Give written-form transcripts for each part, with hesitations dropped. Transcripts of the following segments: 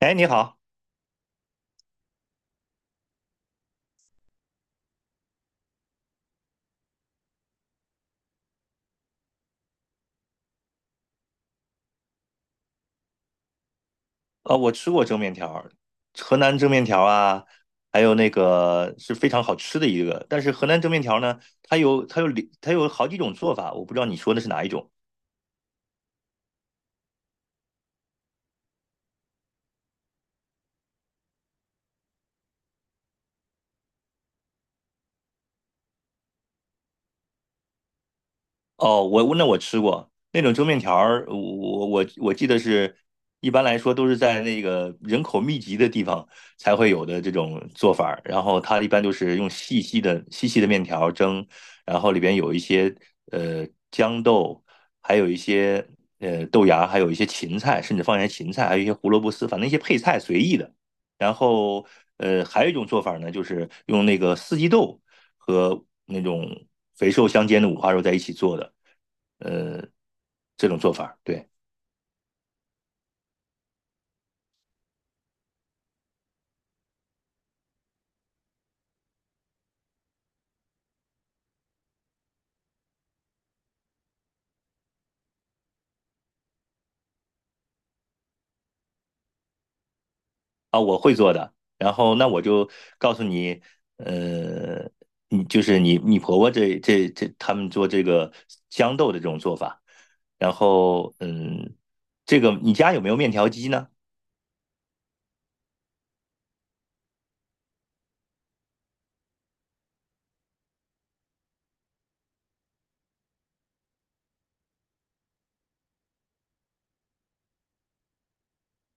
哎，你好，我吃过蒸面条儿，河南蒸面条啊，还有那个是非常好吃的一个。但是河南蒸面条呢，它有好几种做法，我不知道你说的是哪一种。哦，那我吃过那种蒸面条儿，我记得是，一般来说都是在那个人口密集的地方才会有的这种做法儿。然后它一般就是用细细的面条儿蒸，然后里边有一些呃豇豆，还有一些豆芽，还有一些芹菜，甚至放一些芹菜，还有一些胡萝卜丝，反正一些配菜随意的。然后还有一种做法呢，就是用那个四季豆和那种肥瘦相间的五花肉在一起做的，呃，这种做法，对。啊，我会做的。然后那我就告诉你，呃，你婆婆这这这他们做这个豇豆的这种做法，然后这个你家有没有面条机呢？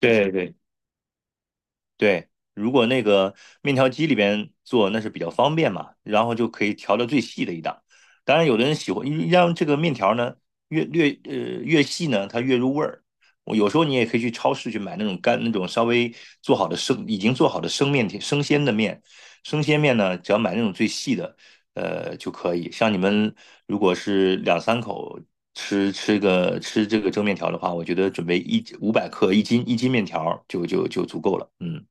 对对对，如果那个面条机里边做，那是比较方便嘛，然后就可以调到最细的一档。当然，有的人喜欢让这个面条呢越越呃越细呢，它越入味儿。我有时候你也可以去超市去买那种干那种稍微做好的生已经做好的生面条生鲜的面，生鲜面呢，只要买那种最细的，就可以。像你们如果是两三口吃这个蒸面条的话，我觉得准备500克一斤面条就足够了，嗯。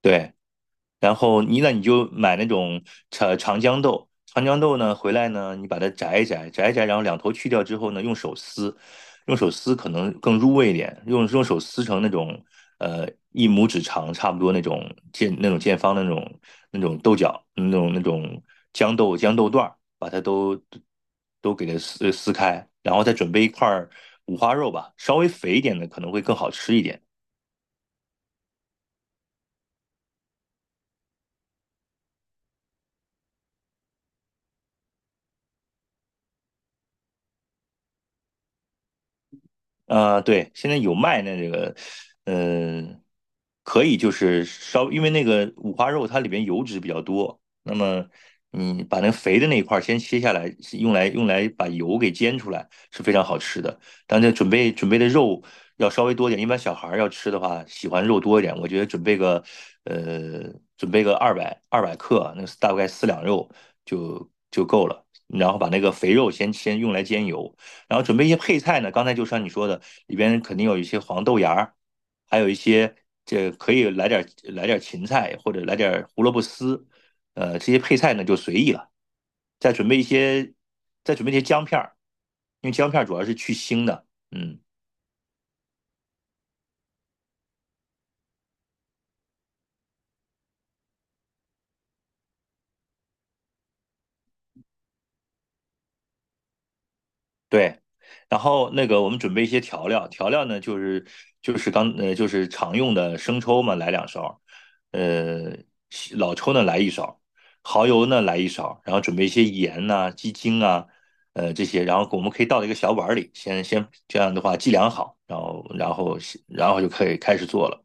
对，然后你就买那种长江豆，长江豆呢回来呢，你把它摘一摘，然后两头去掉之后呢，用手撕，可能更入味一点，用手撕成那种呃一拇指长，差不多那种见方的那种豆角，那种豇豆段儿，把它都给它撕开，然后再准备一块儿五花肉吧，稍微肥一点的可能会更好吃一点。对，现在有卖那这个，嗯、可以就是稍，因为那个五花肉它里边油脂比较多，那么你把那个肥的那一块儿先切下来，是用来把油给煎出来是非常好吃的。但这准备的肉要稍微多一点，一般小孩儿要吃的话，喜欢肉多一点，我觉得呃，准备个二百克，那个大概4两肉就够了。然后把那个肥肉先用来煎油，然后准备一些配菜呢，刚才就像你说的，里边肯定有一些黄豆芽儿，还有一些这可以来点芹菜或者来点胡萝卜丝，这些配菜呢就随意了。再准备一些，再准备一些姜片儿，因为姜片儿主要是去腥的，嗯。对，然后那个我们准备一些调料，调料呢就是就是刚呃就是常用的生抽嘛，来2勺，呃老抽呢来一勺，蚝油呢来一勺，然后准备一些盐呐、鸡精啊，这些，然后我们可以倒到一个小碗里，先这样的话计量好，然后就可以开始做了。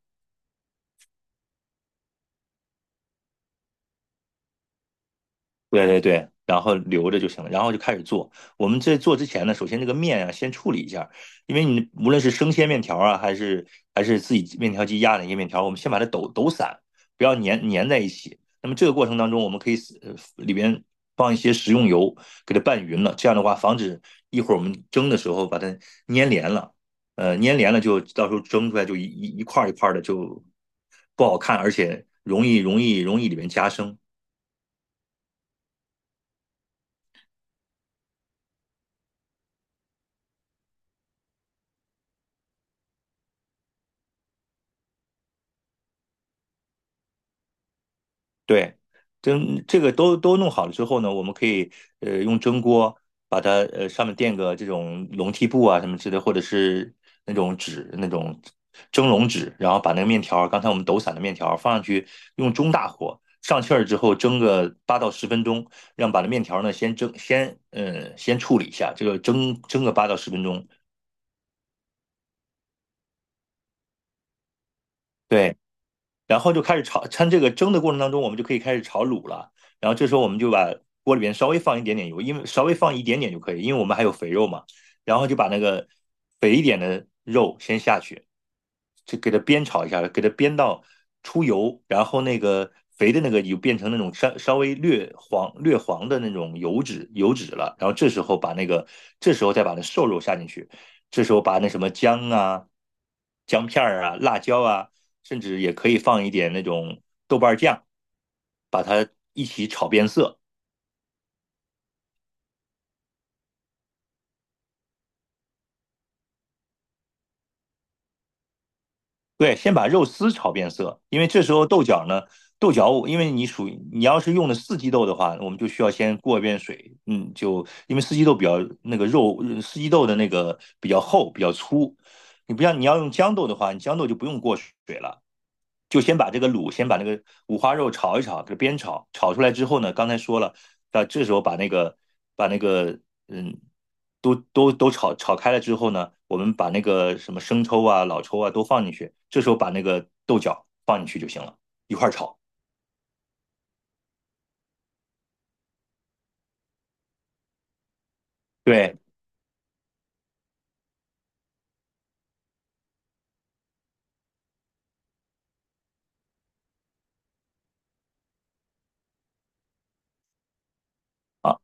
对对对，然后留着就行了，然后就开始做。我们在做之前呢，首先这个面啊，先处理一下，因为你无论是生鲜面条啊，还是自己面条机压的一些面条，我们先把它抖散，不要粘在一起。那么这个过程当中，我们可以里边放一些食用油，给它拌匀了，这样的话防止一会儿我们蒸的时候把它粘连了。粘连了就到时候蒸出来就一块儿一块儿的就不好看，而且容易里面夹生。对，蒸这个都弄好了之后呢，我们可以用蒸锅把它上面垫个这种笼屉布啊什么之类的，或者是那种蒸笼纸，然后把那个面条儿刚才我们抖散的面条儿放上去，用中大火上气儿之后蒸个八到十分钟，让把那面条儿呢先蒸先嗯先处理一下，这个蒸个八到十分钟。对，然后就开始炒，趁这个蒸的过程当中，我们就可以开始炒卤了。然后这时候我们就把锅里边稍微放一点点油，因为稍微放一点点就可以，因为我们还有肥肉嘛。然后就把那个肥一点的肉先下去，就给它煸炒一下，给它煸到出油，然后那个肥的那个就变成那种稍微略黄略黄的那种油脂了。然后这时候再把那瘦肉下进去，这时候把那什么姜啊、姜片儿啊、辣椒啊，甚至也可以放一点那种豆瓣酱，把它一起炒变色。对，先把肉丝炒变色，因为这时候豆角呢，因为你属于你要是用的四季豆的话，我们就需要先过一遍水，嗯，就因为四季豆比较那个肉，四季豆的那个比较厚比较粗，你不像你要用豇豆的话，你豇豆就不用过水了。就先把这个卤，先把那个五花肉炒一炒，给它煸炒，炒出来之后呢，刚才说了，那这时候把那个嗯，都炒开了之后呢，我们把那个什么生抽啊、老抽啊都放进去，这时候把那个豆角放进去就行了，一块炒。对。啊。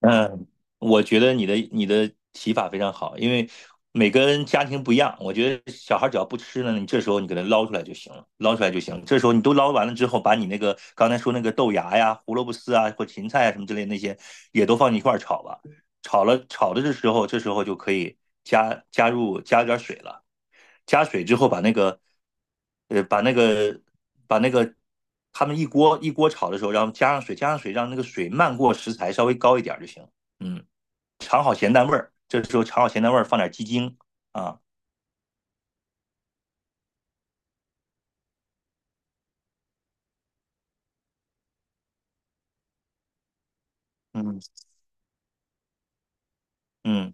嗯，我觉得你的提法非常好，因为每个人家庭不一样，我觉得小孩只要不吃呢，你这时候你给他捞出来就行了，捞出来就行。这时候你都捞完了之后，把你那个刚才说那个豆芽呀、胡萝卜丝啊或芹菜啊什么之类的那些也都放一块儿炒吧。炒了炒的这时候就可以加点儿水了。加水之后呃，把那个把那个他们一锅一锅炒的时候，然后加上水，让那个水漫过食材，稍微高一点就行。嗯，尝好咸淡味儿，这时候尝好咸淡味儿，放点鸡精啊，嗯嗯。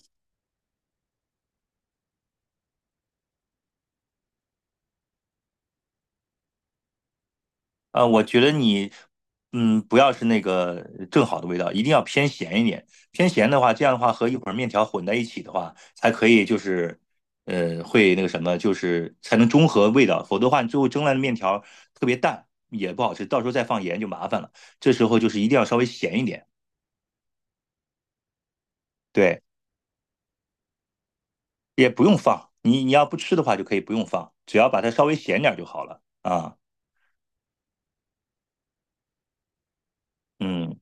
我觉得你，不要是那个正好的味道，一定要偏咸一点。偏咸的话，这样的话和一会儿面条混在一起的话，才可以就是，会那个什么，就是才能中和味道。否则的话，你最后蒸来的面条特别淡，也不好吃，到时候再放盐就麻烦了。这时候就是一定要稍微咸一点，对，也不用放。你要不吃的话，就可以不用放，只要把它稍微咸点儿就好了啊。嗯。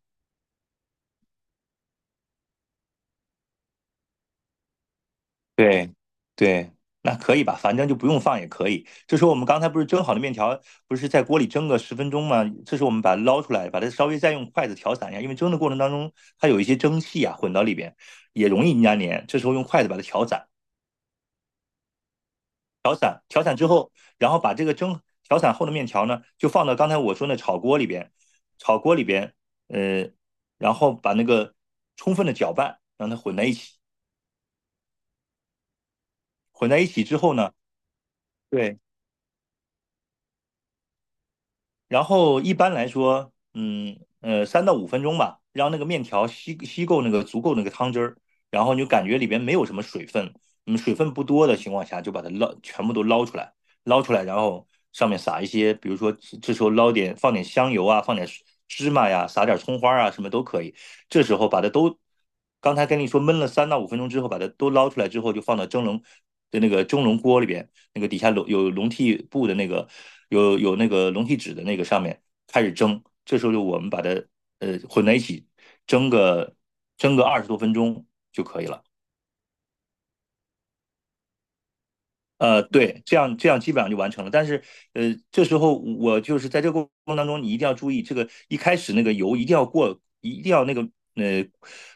对对，那可以吧，反正就不用放也可以。这时候我们刚才不是蒸好的面条，不是在锅里蒸个十分钟吗？这时候我们把它捞出来，把它稍微再用筷子调散一下，因为蒸的过程当中它有一些蒸汽啊混到里边，也容易粘连。这时候用筷子把它调散，调散之后，然后把这个蒸调散后的面条呢，就放到刚才我说那炒锅里边，炒锅里边，呃，然后把那个充分的搅拌，让它混在一起，混在一起之后呢。对，然后一般来说，三到五分钟吧，让那个面条吸够那个足够那个汤汁儿，然后你就感觉里边没有什么水分，水分不多的情况下，就把它全部都捞出来，捞出来，然后上面撒一些，比如说这时候放点香油啊，放点芝麻呀，撒点葱花啊，什么都可以。这时候把它都，刚才跟你说焖了三到五分钟之后，把它都捞出来之后，就放到蒸笼的那个蒸笼锅里边。那个底下笼有笼屉布的那个有那个笼屉纸的那个上面开始蒸，这时候就我们把它混在一起蒸个蒸个20多分钟就可以了。对，这样基本上就完成了。但是，这时候我就是在这个过程当中，你一定要注意，这个一开始那个油一定要过，一定要那个呃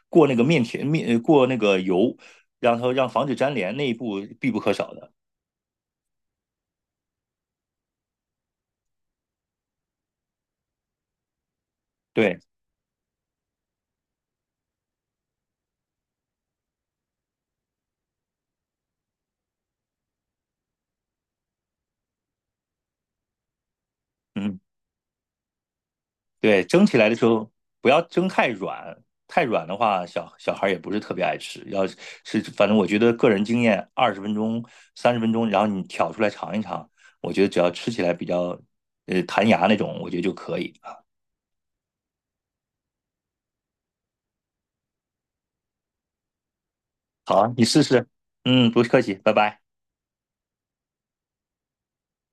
过那个油，然后让防止粘连，那一步必不可少的。对，嗯。对，蒸起来的时候不要蒸太软，太软的话，小孩也不是特别爱吃。反正我觉得个人经验，20分钟、30分钟，然后你挑出来尝一尝，我觉得只要吃起来比较弹牙那种，我觉得就可以啊。好啊你试试。嗯，不客气，拜拜。